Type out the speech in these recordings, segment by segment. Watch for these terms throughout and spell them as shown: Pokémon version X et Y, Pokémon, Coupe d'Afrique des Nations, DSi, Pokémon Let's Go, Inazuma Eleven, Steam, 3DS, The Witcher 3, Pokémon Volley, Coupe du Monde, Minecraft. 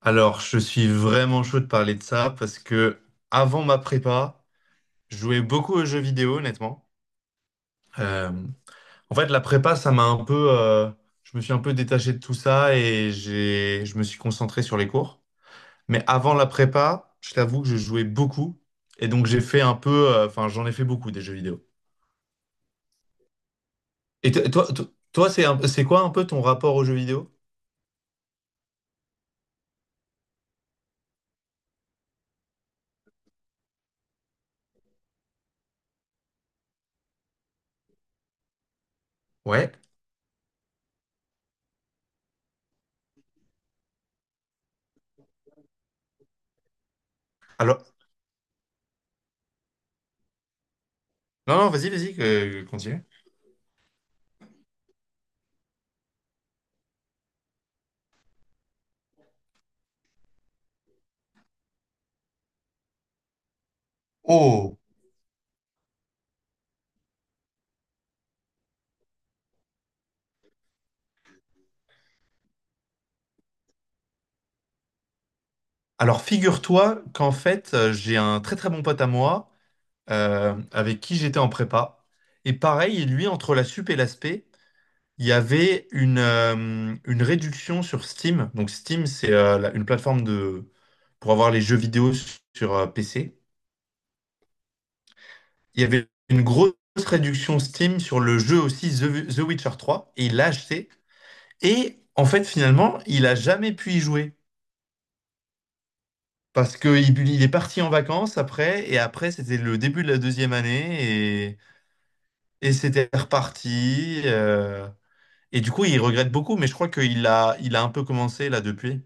Alors, je suis vraiment chaud de parler de ça parce que avant ma prépa, je jouais beaucoup aux jeux vidéo, honnêtement. Euh, en fait, la prépa, ça m'a un peu, je me suis un peu détaché de tout ça et je me suis concentré sur les cours. Mais avant la prépa, je t'avoue que je jouais beaucoup et donc j'ai fait un peu, enfin, j'en ai fait beaucoup des jeux vidéo. Et toi, c'est quoi un peu ton rapport aux jeux vidéo? Ouais. Alors, non, non, vas-y, vas-y, continue. Oh, alors figure-toi qu'en fait, j'ai un très très bon pote à moi avec qui j'étais en prépa. Et pareil, lui, entre la sup et l'aspect, il y avait une réduction sur Steam. Donc Steam, c'est une plateforme de, pour avoir les jeux vidéo sur PC. Il y avait une grosse réduction Steam sur le jeu aussi The Witcher trois et il l'a acheté. Et en fait, finalement, il a jamais pu y jouer parce que il est parti en vacances après et après c'était le début de la deuxième année et c'était reparti. Et du coup, il regrette beaucoup, mais je crois il a un peu commencé là depuis.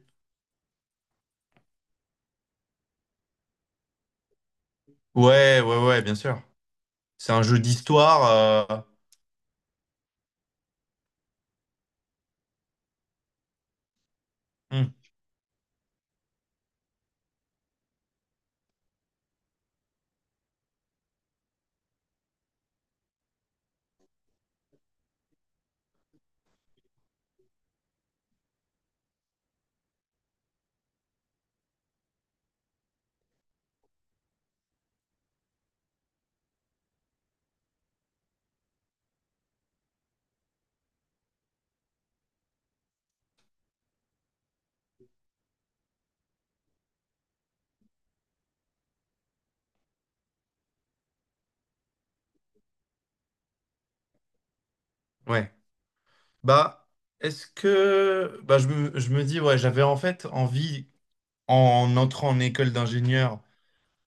Ouais, ouais, ouais, bien sûr. C'est un jeu d'histoire. euh, hmm, ouais. Bah, est-ce que. Bah, je me dis, ouais, j'avais en fait envie en entrant en école d'ingénieur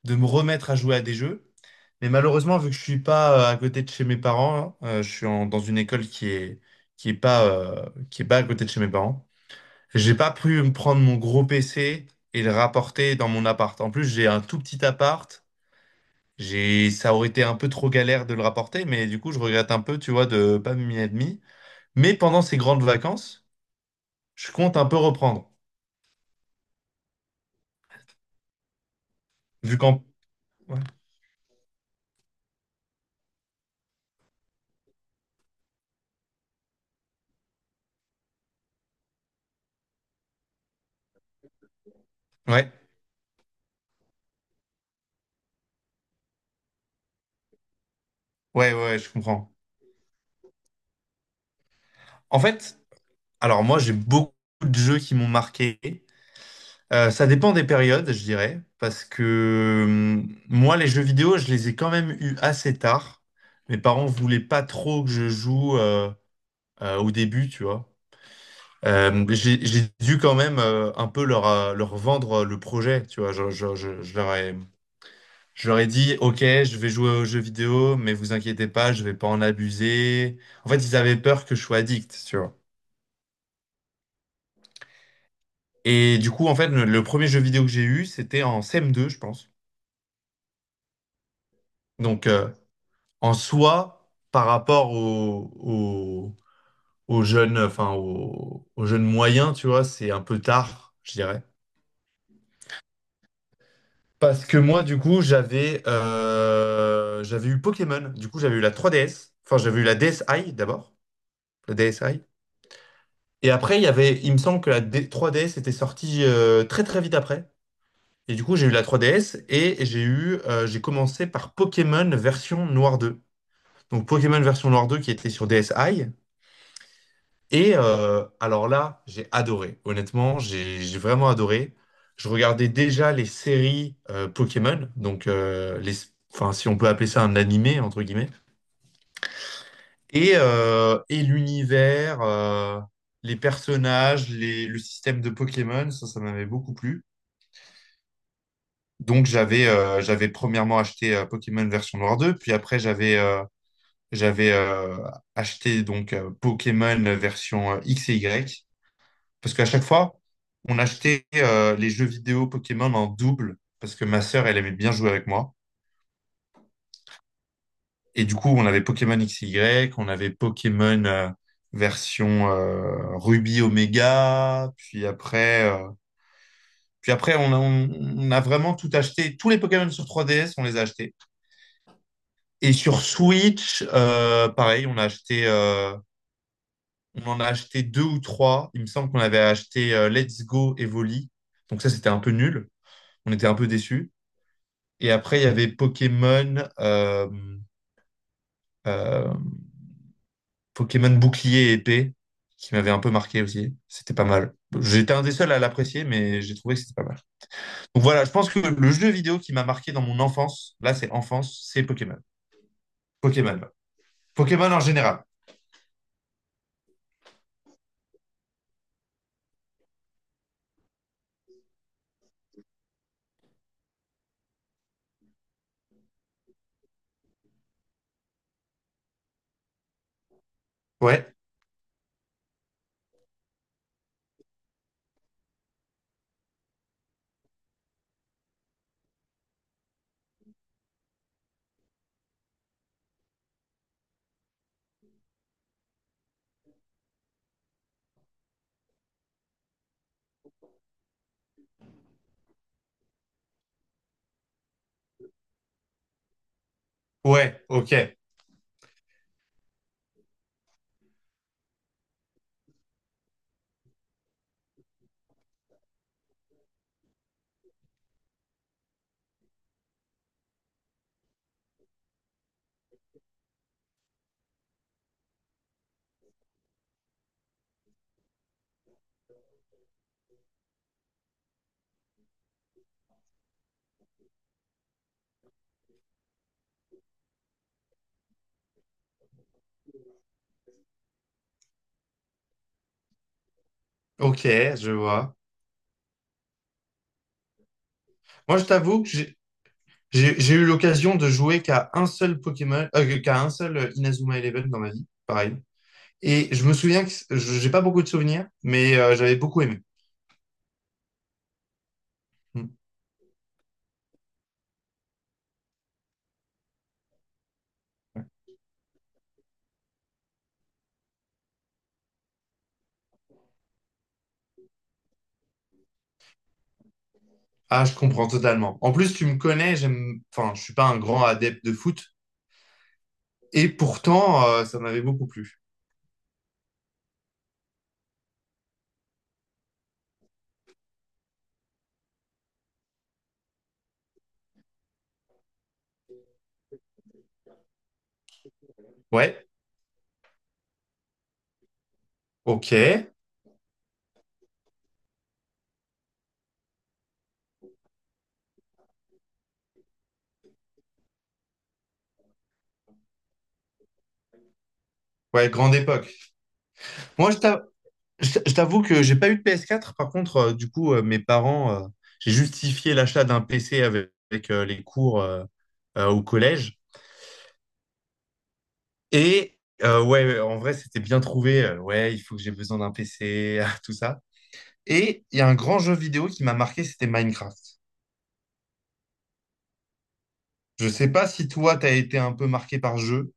de me remettre à jouer à des jeux. Mais malheureusement, vu que je suis pas à côté de chez mes parents, hein, dans une école qui est pas qui est pas à côté de chez mes parents. J'ai pas pu me prendre mon gros PC et le rapporter dans mon appart. En plus, j'ai un tout petit appart. Ça aurait été un peu trop galère de le rapporter, mais du coup, je regrette un peu, tu vois, de pas m'y être mis. Mais pendant ces grandes vacances, je compte un peu reprendre. Vu qu'en... Ouais, ouais, ouais, je comprends. En fait, Alors moi, j'ai beaucoup de jeux qui m'ont marqué. Ça dépend des périodes, je dirais, parce que euh, moi, les jeux vidéo, je les ai quand même eus assez tard. Mes parents voulaient pas trop que je joue au début, tu vois. J'ai dû quand même un peu leur vendre le projet, tu vois. Je leur ai, je leur ai dit, OK, je vais jouer aux jeux vidéo, mais vous inquiétez pas, je vais pas en abuser. En fait, ils avaient peur que je sois addict, tu vois. Et du coup, en fait, le premier jeu vidéo que j'ai eu, c'était en CM2, je pense. Donc, en soi, par rapport au aux aux jeunes moyens, tu vois, c'est un peu tard, je dirais. Parce que moi, du coup, j'avais eu Pokémon. Du coup, j'avais eu la 3DS. Enfin, j'avais eu la DSi d'abord, la DSi. Et après, il y avait, il me semble que 3DS était sortie très très vite après. Et du coup, j'ai eu la 3DS et j'ai commencé par Pokémon version Noir 2. Donc Pokémon version Noir 2 qui était sur DSi. Alors là, j'ai adoré. Honnêtement, j'ai vraiment adoré. Je regardais déjà les séries Pokémon, donc enfin, si on peut appeler ça un animé, entre guillemets. Et l'univers, les personnages, le système de Pokémon, ça m'avait beaucoup plu. Donc j'avais premièrement acheté Pokémon version Noir 2, puis après j'avais J'avais acheté donc Pokémon version X et Y parce qu'à chaque fois, on achetait les jeux vidéo Pokémon en double parce que ma sœur, elle aimait bien jouer avec moi. Et du coup, on avait Pokémon X et Y, on avait Pokémon version Ruby Omega, puis après, on a vraiment tout acheté. Tous les Pokémon sur 3DS, on les a achetés. Et sur Switch, pareil, on a acheté. On en a acheté deux ou trois. Il me semble qu'on avait acheté Let's Go et Volley. Donc ça, c'était un peu nul. On était un peu déçus. Et après, il y avait euh, Pokémon Bouclier et Épée, qui m'avait un peu marqué aussi. C'était pas mal. J'étais un des seuls à l'apprécier, mais j'ai trouvé que c'était pas mal. Donc voilà, je pense que le jeu vidéo qui m'a marqué dans mon enfance, là c'est enfance, c'est Pokémon. Pokémon. Pokémon en général. Ouais, ouais, ok, ok, je vois. Moi, je t'avoue que j'ai- j'ai eu l'occasion de jouer qu'à un seul Pokémon, qu'à un seul Inazuma Eleven dans ma vie, pareil. Et je me souviens que j'ai pas beaucoup de souvenirs, mais j'avais beaucoup aimé. Mm. Ah, je comprends totalement. En plus, tu me connais, je suis pas un grand adepte de foot, et pourtant, ça m'avait beaucoup plu. Ouais, ok, ouais, grande époque. Moi, je t'avoue que j'ai pas eu de PS4. Par contre, mes parents, j'ai justifié l'achat d'un PC avec, les cours au collège. Et ouais, ouais, en vrai, c'était bien trouvé. Ouais, il faut que j'ai besoin d'un PC, tout ça. Et il y a un grand jeu vidéo qui m'a marqué, c'était Minecraft. Je sais pas si toi, t'as été un peu marqué par jeu.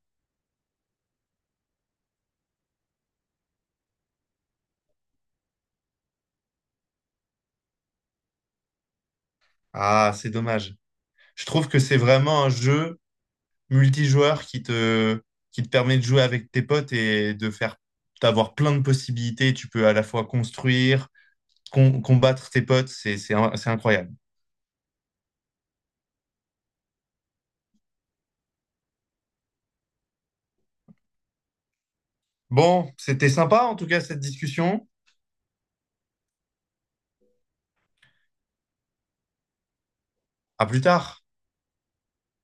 Ah, c'est dommage. Je trouve que c'est vraiment un jeu multijoueur qui te permet de jouer avec tes potes et de faire, d'avoir plein de possibilités. Tu peux à la fois construire, combattre tes potes. C'est incroyable. Bon, c'était sympa en tout cas cette discussion. À plus tard.